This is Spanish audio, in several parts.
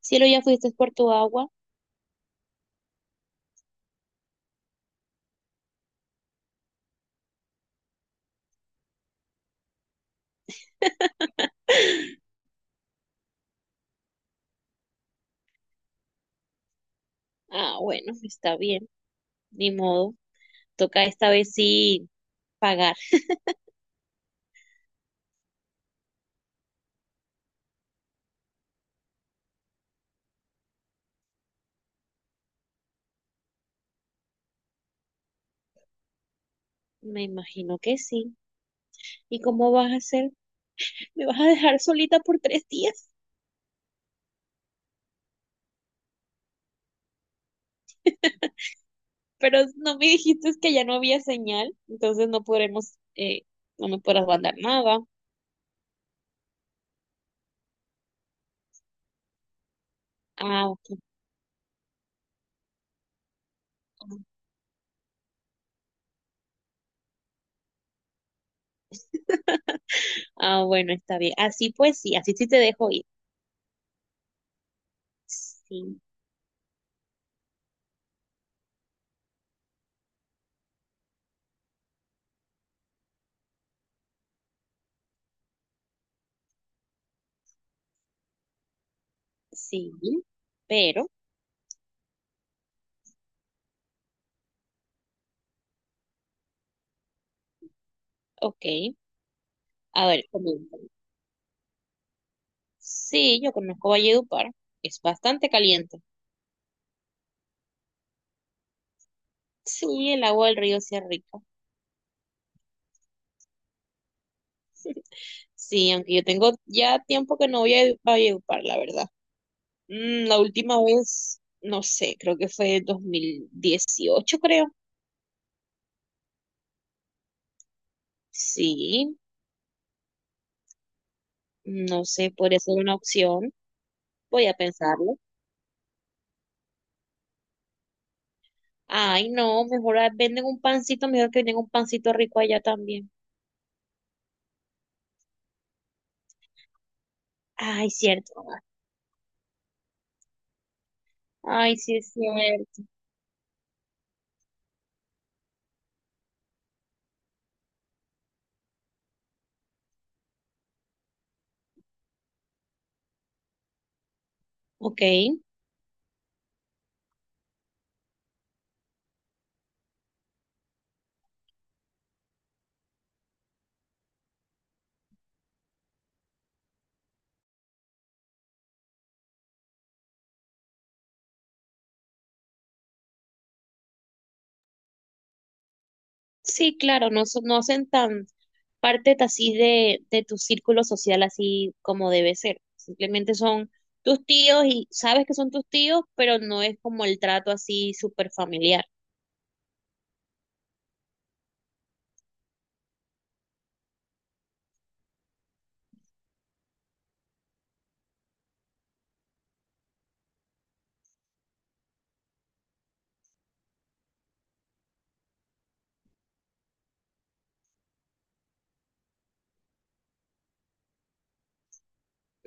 Cielo, ya fuiste por tu agua. Ah, bueno, está bien, ni modo. Toca esta vez sí pagar. Me imagino que sí. ¿Y cómo vas a hacer? ¿Me vas a dejar solita por 3 días? Pero no me dijiste que ya no había señal, entonces no podremos, no me podrás mandar nada. Ah, ok. Ah, bueno, está bien. Así pues sí, así sí te dejo ir. Sí, sí, pero, ok. A ver, comienza. Sí, yo conozco Valledupar. Es bastante caliente. Sí, el agua del río sí es rica. Sí, aunque yo tengo ya tiempo que no voy a Valledupar, la verdad. Mm, la última vez, no sé, creo que fue 2018, creo. Sí, no sé, podría ser una opción. Voy a pensarlo. Ay, no, mejor ah, venden un pancito, mejor que venden un pancito rico allá también. Ay, cierto. Ay, sí es cierto. Ok. Sí, claro, no, no hacen tan parte de así de tu círculo social así como debe ser. Simplemente son tus tíos y sabes que son tus tíos, pero no es como el trato así súper familiar,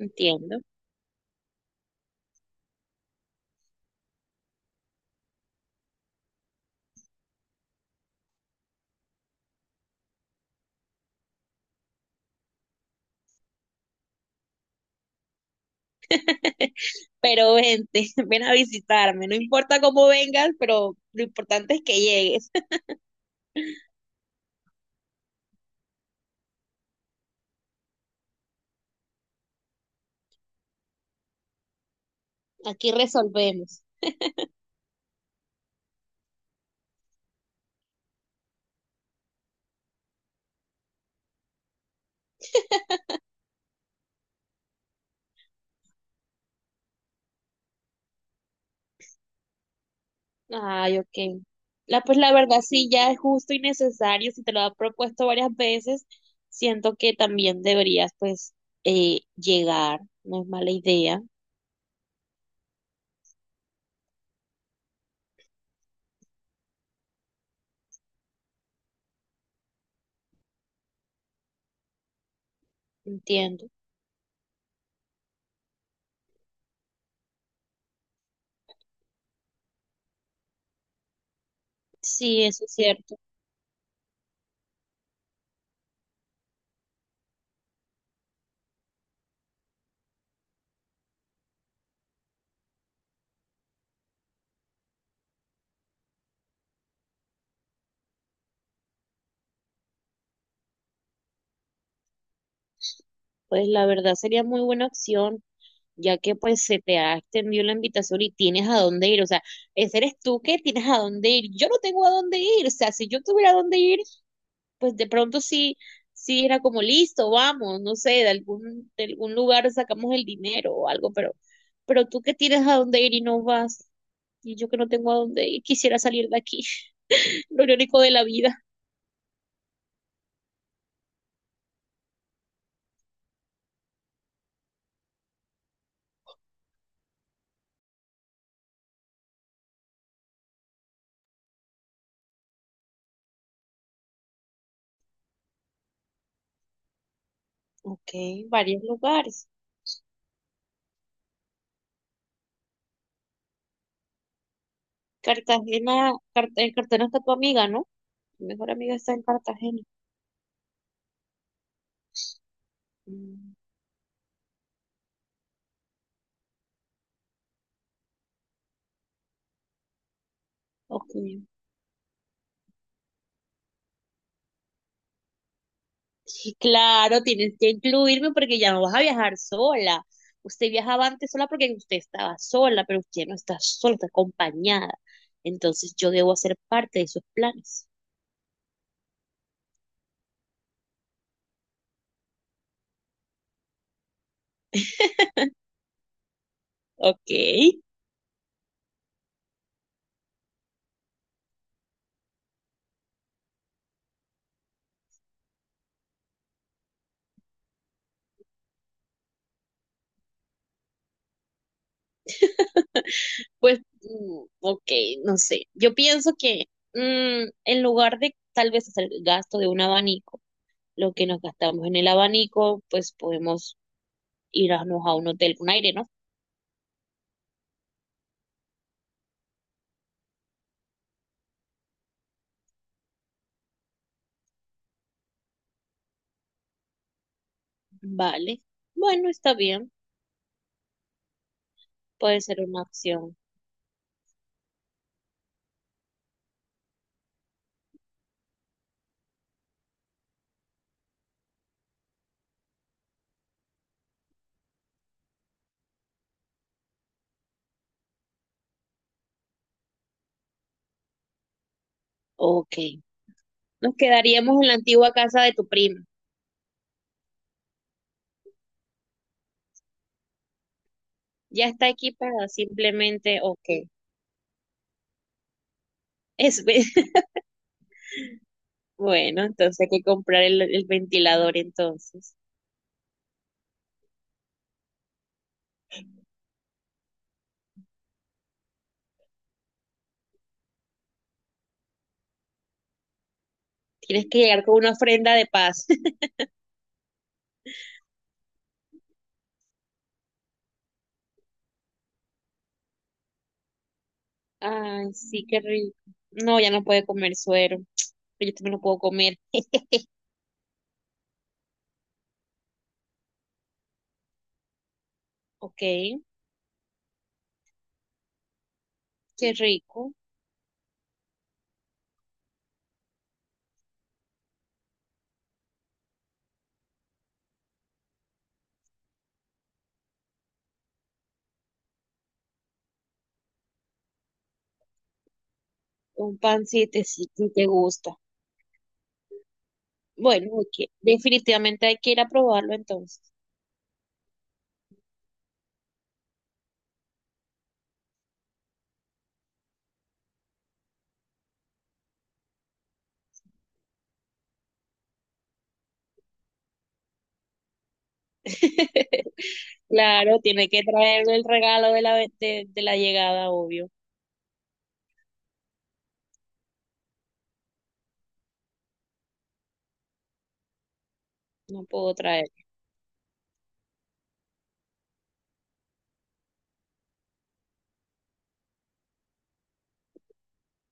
entiendo. Pero vente, ven a visitarme, no importa cómo vengas, pero lo importante es que llegues. Aquí resolvemos. Ay, ok. La, pues la verdad sí, ya es justo y necesario, si te lo ha propuesto varias veces, siento que también deberías pues llegar, no es mala idea, entiendo. Sí, eso es cierto. Pues la verdad sería muy buena opción, ya que pues se te ha extendido la invitación y tienes a dónde ir, o sea, ese eres tú que tienes a dónde ir, yo no tengo a dónde ir, o sea, si yo tuviera a dónde ir, pues de pronto sí, sí era como listo, vamos, no sé, de algún lugar sacamos el dinero o algo, pero tú que tienes a dónde ir y no vas, y yo que no tengo a dónde ir, quisiera salir de aquí, lo irónico de la vida. Ok, varios lugares. Cartagena, Cartagena, Cartagena está tu amiga, ¿no? Tu mejor amiga está en Cartagena. Mm, ok. Sí, claro, tienes que incluirme porque ya no vas a viajar sola. Usted viajaba antes sola porque usted estaba sola, pero usted no está sola, está acompañada. Entonces yo debo hacer parte de sus planes. Ok, pues, ok, no sé. Yo pienso que en lugar de tal vez hacer gasto de un abanico, lo que nos gastamos en el abanico, pues podemos irnos a un hotel con aire, ¿no? Vale. Bueno, está bien, puede ser una opción. Ok. Nos quedaríamos en la antigua casa de tu prima. Ya está equipada, simplemente, ok. Es, bueno, entonces hay que comprar el ventilador entonces. Tienes que llegar con una ofrenda de paz. Ay, sí, qué rico. No, ya no puede comer suero. Pero yo también lo puedo comer. Ok, qué rico. Un pancito, sí, sí te gusta. Bueno, ok. Definitivamente hay que ir a probarlo entonces. Claro, tiene que traerle el regalo de la, de la llegada, obvio. No puedo traer.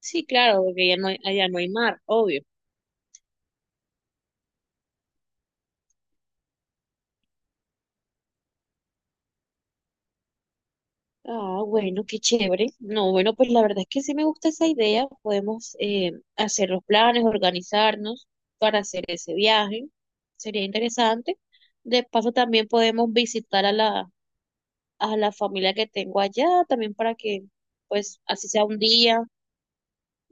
Sí, claro, porque ya no hay, allá no hay mar, obvio. Ah, bueno, qué chévere. No, bueno, pues la verdad es que sí me gusta esa idea. Podemos hacer los planes, organizarnos para hacer ese viaje. Sería interesante. De paso, también podemos visitar a la familia que tengo allá, también para que, pues, así sea un día.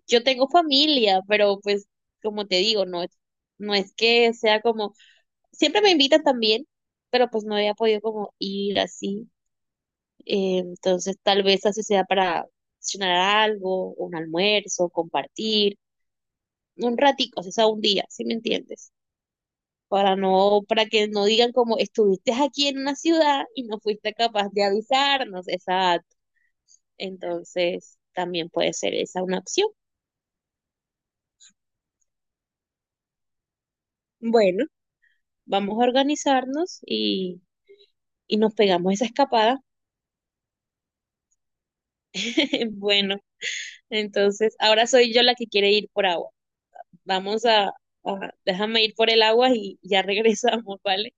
Yo tengo familia, pero pues, como te digo, no es, no es que sea como siempre me invitan también, pero pues no había podido como ir así. Entonces tal vez así sea para cenar algo, un almuerzo, compartir, un ratico, o sea, un día, ¿si me entiendes? Para no, para que no digan como estuviste aquí en una ciudad y no fuiste capaz de avisarnos, exacto. Entonces también puede ser esa una opción. Bueno, vamos a organizarnos y nos pegamos esa escapada. Bueno, entonces ahora soy yo la que quiere ir por agua. Vamos a, Déjame ir por el agua y ya regresamos, ¿vale?